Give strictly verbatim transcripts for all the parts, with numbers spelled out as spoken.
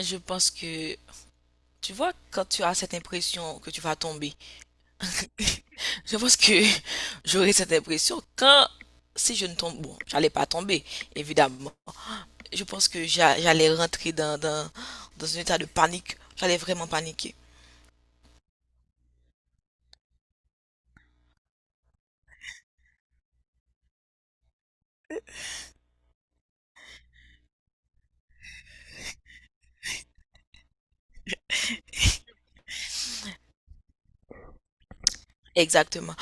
Je pense que, tu vois, quand tu as cette impression que tu vas tomber, je pense que j'aurais cette impression quand, si je ne tombe, bon, j'allais pas tomber, évidemment. Je pense que j'a- j'allais rentrer dans, dans, dans un état de panique. J'allais vraiment paniquer. Exactement.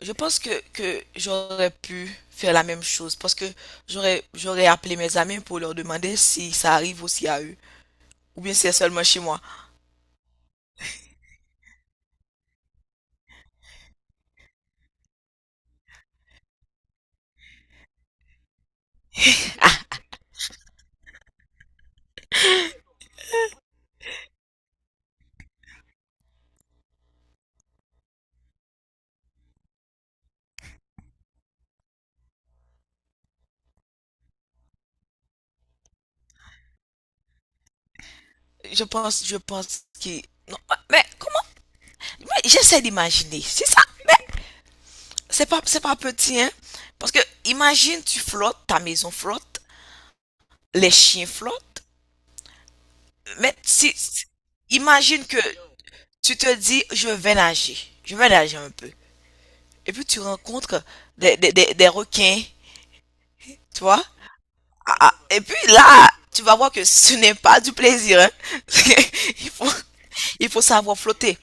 Je pense que, que j'aurais pu faire la même chose parce que j'aurais, j'aurais appelé mes amis pour leur demander si ça arrive aussi à eux ou bien si c'est seulement chez moi. Je pense, je pense que, non, mais comment? Oui, j'essaie d'imaginer. C'est ça. Mais c'est pas, c'est pas petit, hein. Parce que imagine, tu flottes, ta maison flotte, les chiens flottent. Mais si, si- imagine que tu te dis, je vais nager. Je vais nager un peu. Et puis tu rencontres des, des, des, des requins, tu vois. Ah, ah. Et puis là, tu vas voir que ce n'est pas du plaisir, hein. Il faut, il faut savoir flotter.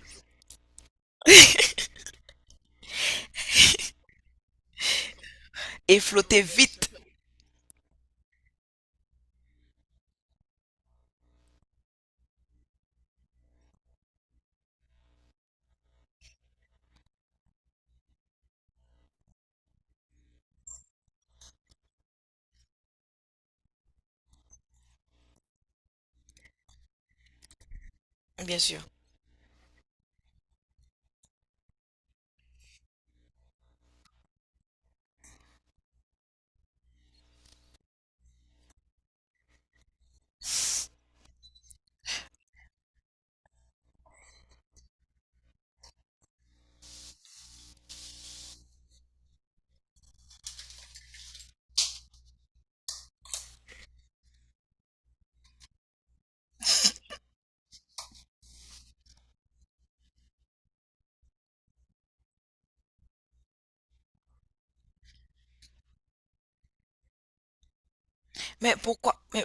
Et flotter vite, bien sûr. Mais pourquoi, mais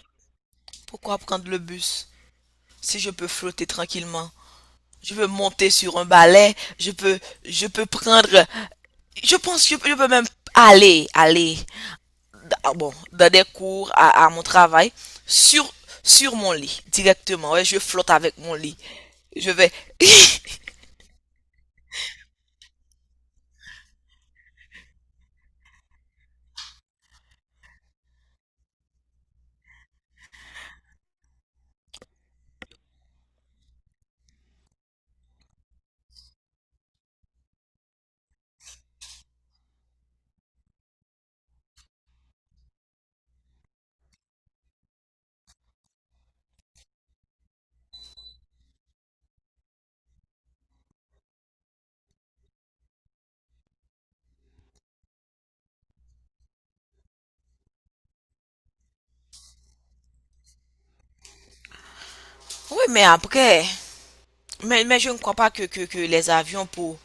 pourquoi prendre le bus? Si je peux flotter tranquillement, je peux monter sur un balai, je peux, je peux prendre, je pense que je peux je peux même aller, aller, ah bon, dans des cours, à, à mon travail, sur, sur mon lit, directement. Ouais, je flotte avec mon lit. Je vais. Oui, mais après, mais, mais je ne crois pas que, que, que les avions pour,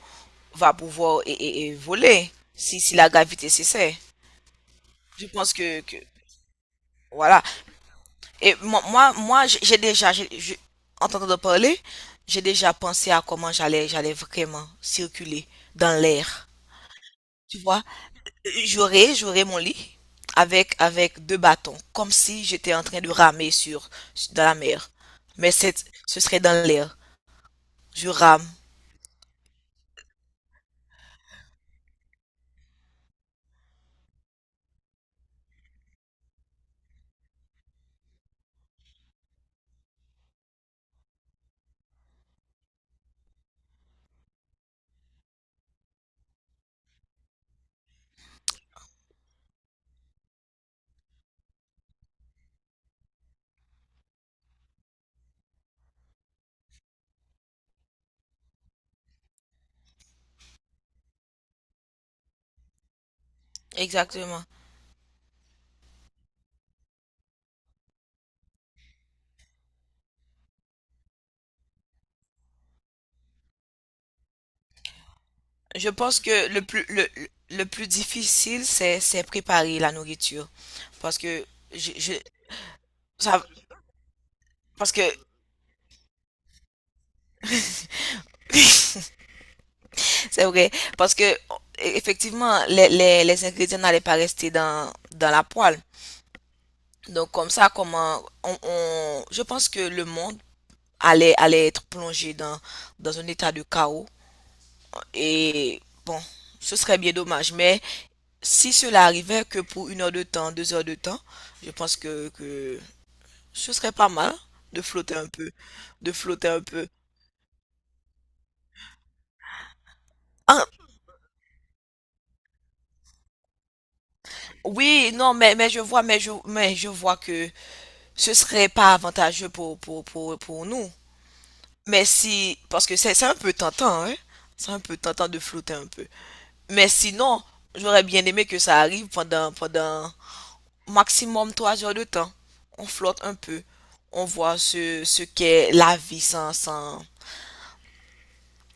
va pouvoir et, et- et voler si, si la gravité cessait. Je pense que, que voilà. Et moi, moi, moi j'ai déjà, j'ai- je- en t'entendant parler, j'ai déjà pensé à comment j'allais, j'allais vraiment circuler dans l'air. Tu vois, j'aurais, j'aurais mon lit avec, avec deux bâtons, comme si j'étais en train de ramer sur, dans la mer. Mais c'est, ce serait dans l'air. Je rame. Exactement. Je pense que le plus, le, le le plus difficile, c'est, c'est préparer la nourriture. Parce que, je, je, ça, parce que, C'est vrai, parce que effectivement, les, les, les ingrédients n'allaient pas rester dans, dans la poêle. Donc comme ça, comment on, on- je pense que le monde allait, allait être plongé dans, dans un état de chaos. Et bon, ce serait bien dommage. Mais si cela arrivait que pour une heure de temps, deux heures de temps, je pense que, que ce serait pas mal de flotter un peu, de flotter un peu. Ah, oui, non, mais, mais je vois, mais je, mais je vois que ce serait pas avantageux pour, pour, pour, pour nous. Mais si, parce que c'est c'est un peu tentant, hein. C'est un peu tentant de flotter un peu. Mais sinon, j'aurais bien aimé que ça arrive pendant, pendant maximum trois heures de temps. On flotte un peu. On voit ce, ce qu'est la vie sans, sans,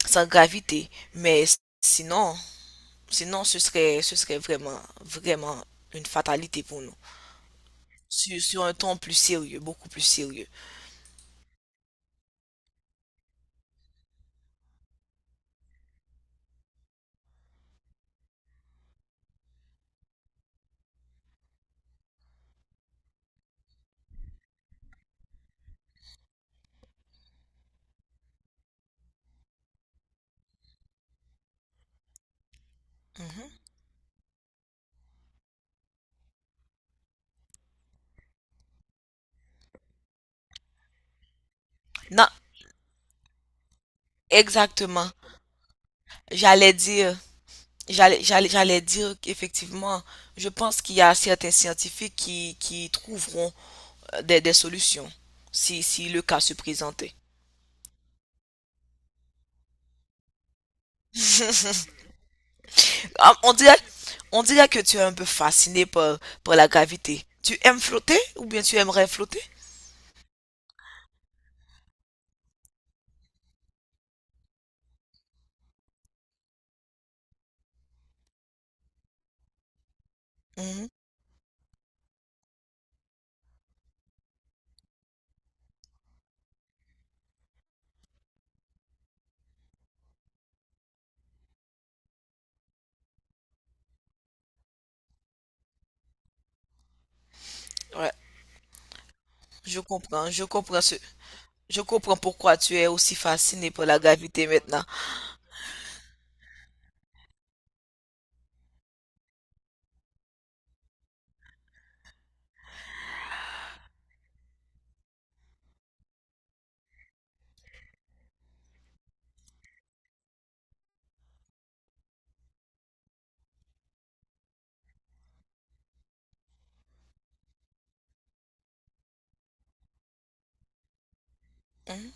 sans gravité. Mais sinon, sinon, ce serait, ce serait vraiment, vraiment une fatalité pour nous. Sur, sur un ton plus sérieux, beaucoup plus sérieux. Mhm. Non, exactement. J'allais dire, j'allais, j'allais, j'allais dire qu'effectivement, je pense qu'il y a certains scientifiques qui, qui trouveront euh, des, des solutions si, si le cas se présentait. Ah, on dirait, on dirait que tu es un peu fasciné par, par la gravité. Tu aimes flotter ou bien tu aimerais flotter? Mhm. Ouais, je comprends, je comprends ce, je comprends pourquoi tu es aussi fasciné par la gravité maintenant. Mhm.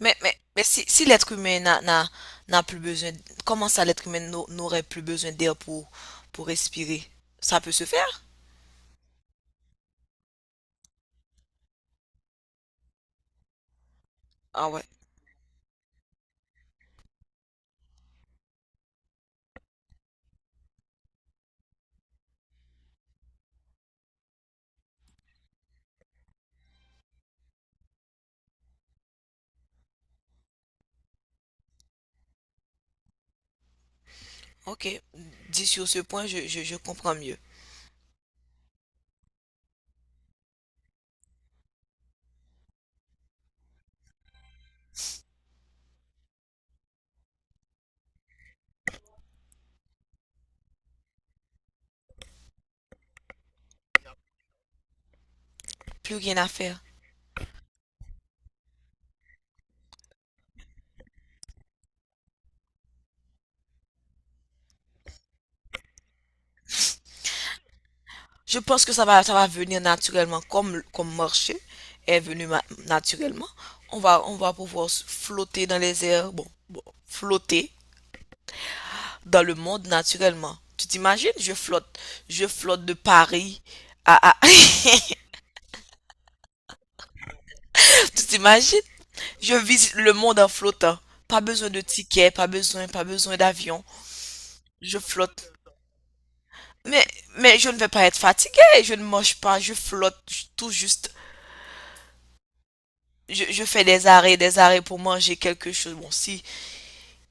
Mais, mais, mais si, si l'être humain n'a, n'a, n'a plus besoin, comment ça l'être humain n'au- n'aurait plus besoin d'air pour, pour respirer? Ça peut se faire? Ah ouais, ok. Dit sur ce point, je, je, je comprends mieux. Plus rien à faire. Je pense que ça va, ça va venir naturellement, comme, comme marcher est venu ma- naturellement. On va, on va pouvoir s- flotter dans les airs, bon, bon, flotter dans le monde naturellement. Tu t'imagines? Je flotte, je flotte de Paris à, à- Tu t'imagines? Je visite le monde en flottant. Pas besoin de tickets, pas besoin, pas besoin d'avion. Je flotte. Mais, mais je ne vais pas être fatigué. Je ne mange pas, je flotte tout juste. Je, je fais des arrêts, des arrêts pour manger quelque chose. Bon, si,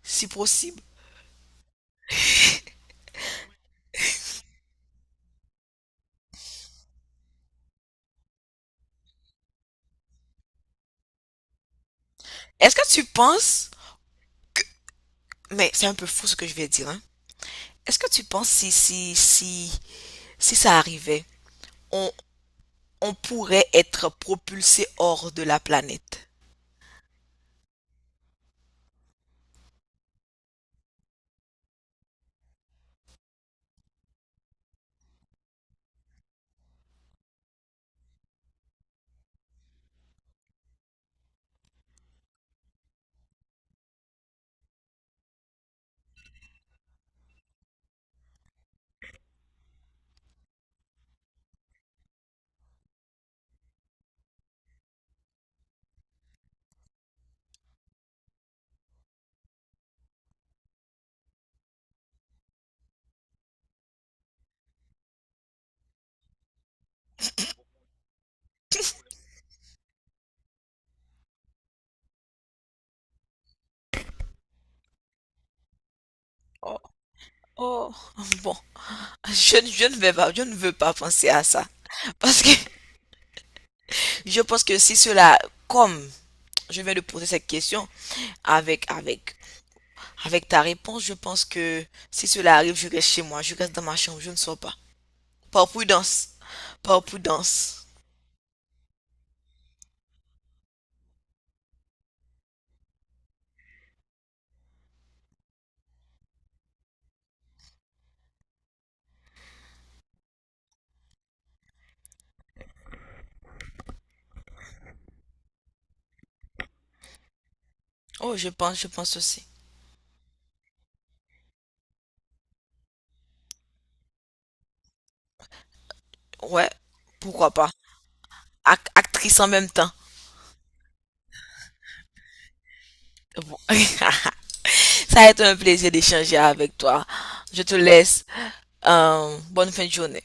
si possible. Est-ce que tu penses, mais c'est un peu fou ce que je vais dire, hein. Est-ce que tu penses si, si, si, si ça arrivait, on, on pourrait être propulsé hors de la planète? Oh, oh, bon. Je, je ne vais pas, je ne veux pas penser à ça. Parce que je pense que si cela, comme je viens de poser cette question avec, avec, avec ta réponse, je pense que si cela arrive, je reste chez moi, je reste dans ma chambre, je ne sors pas. Par prudence. Par prudence. Oh, je pense, je pense aussi. Ouais, pourquoi pas. Ac- actrice en même temps. Bon. Ça a été un plaisir d'échanger avec toi. Je te laisse. Euh, bonne fin de journée.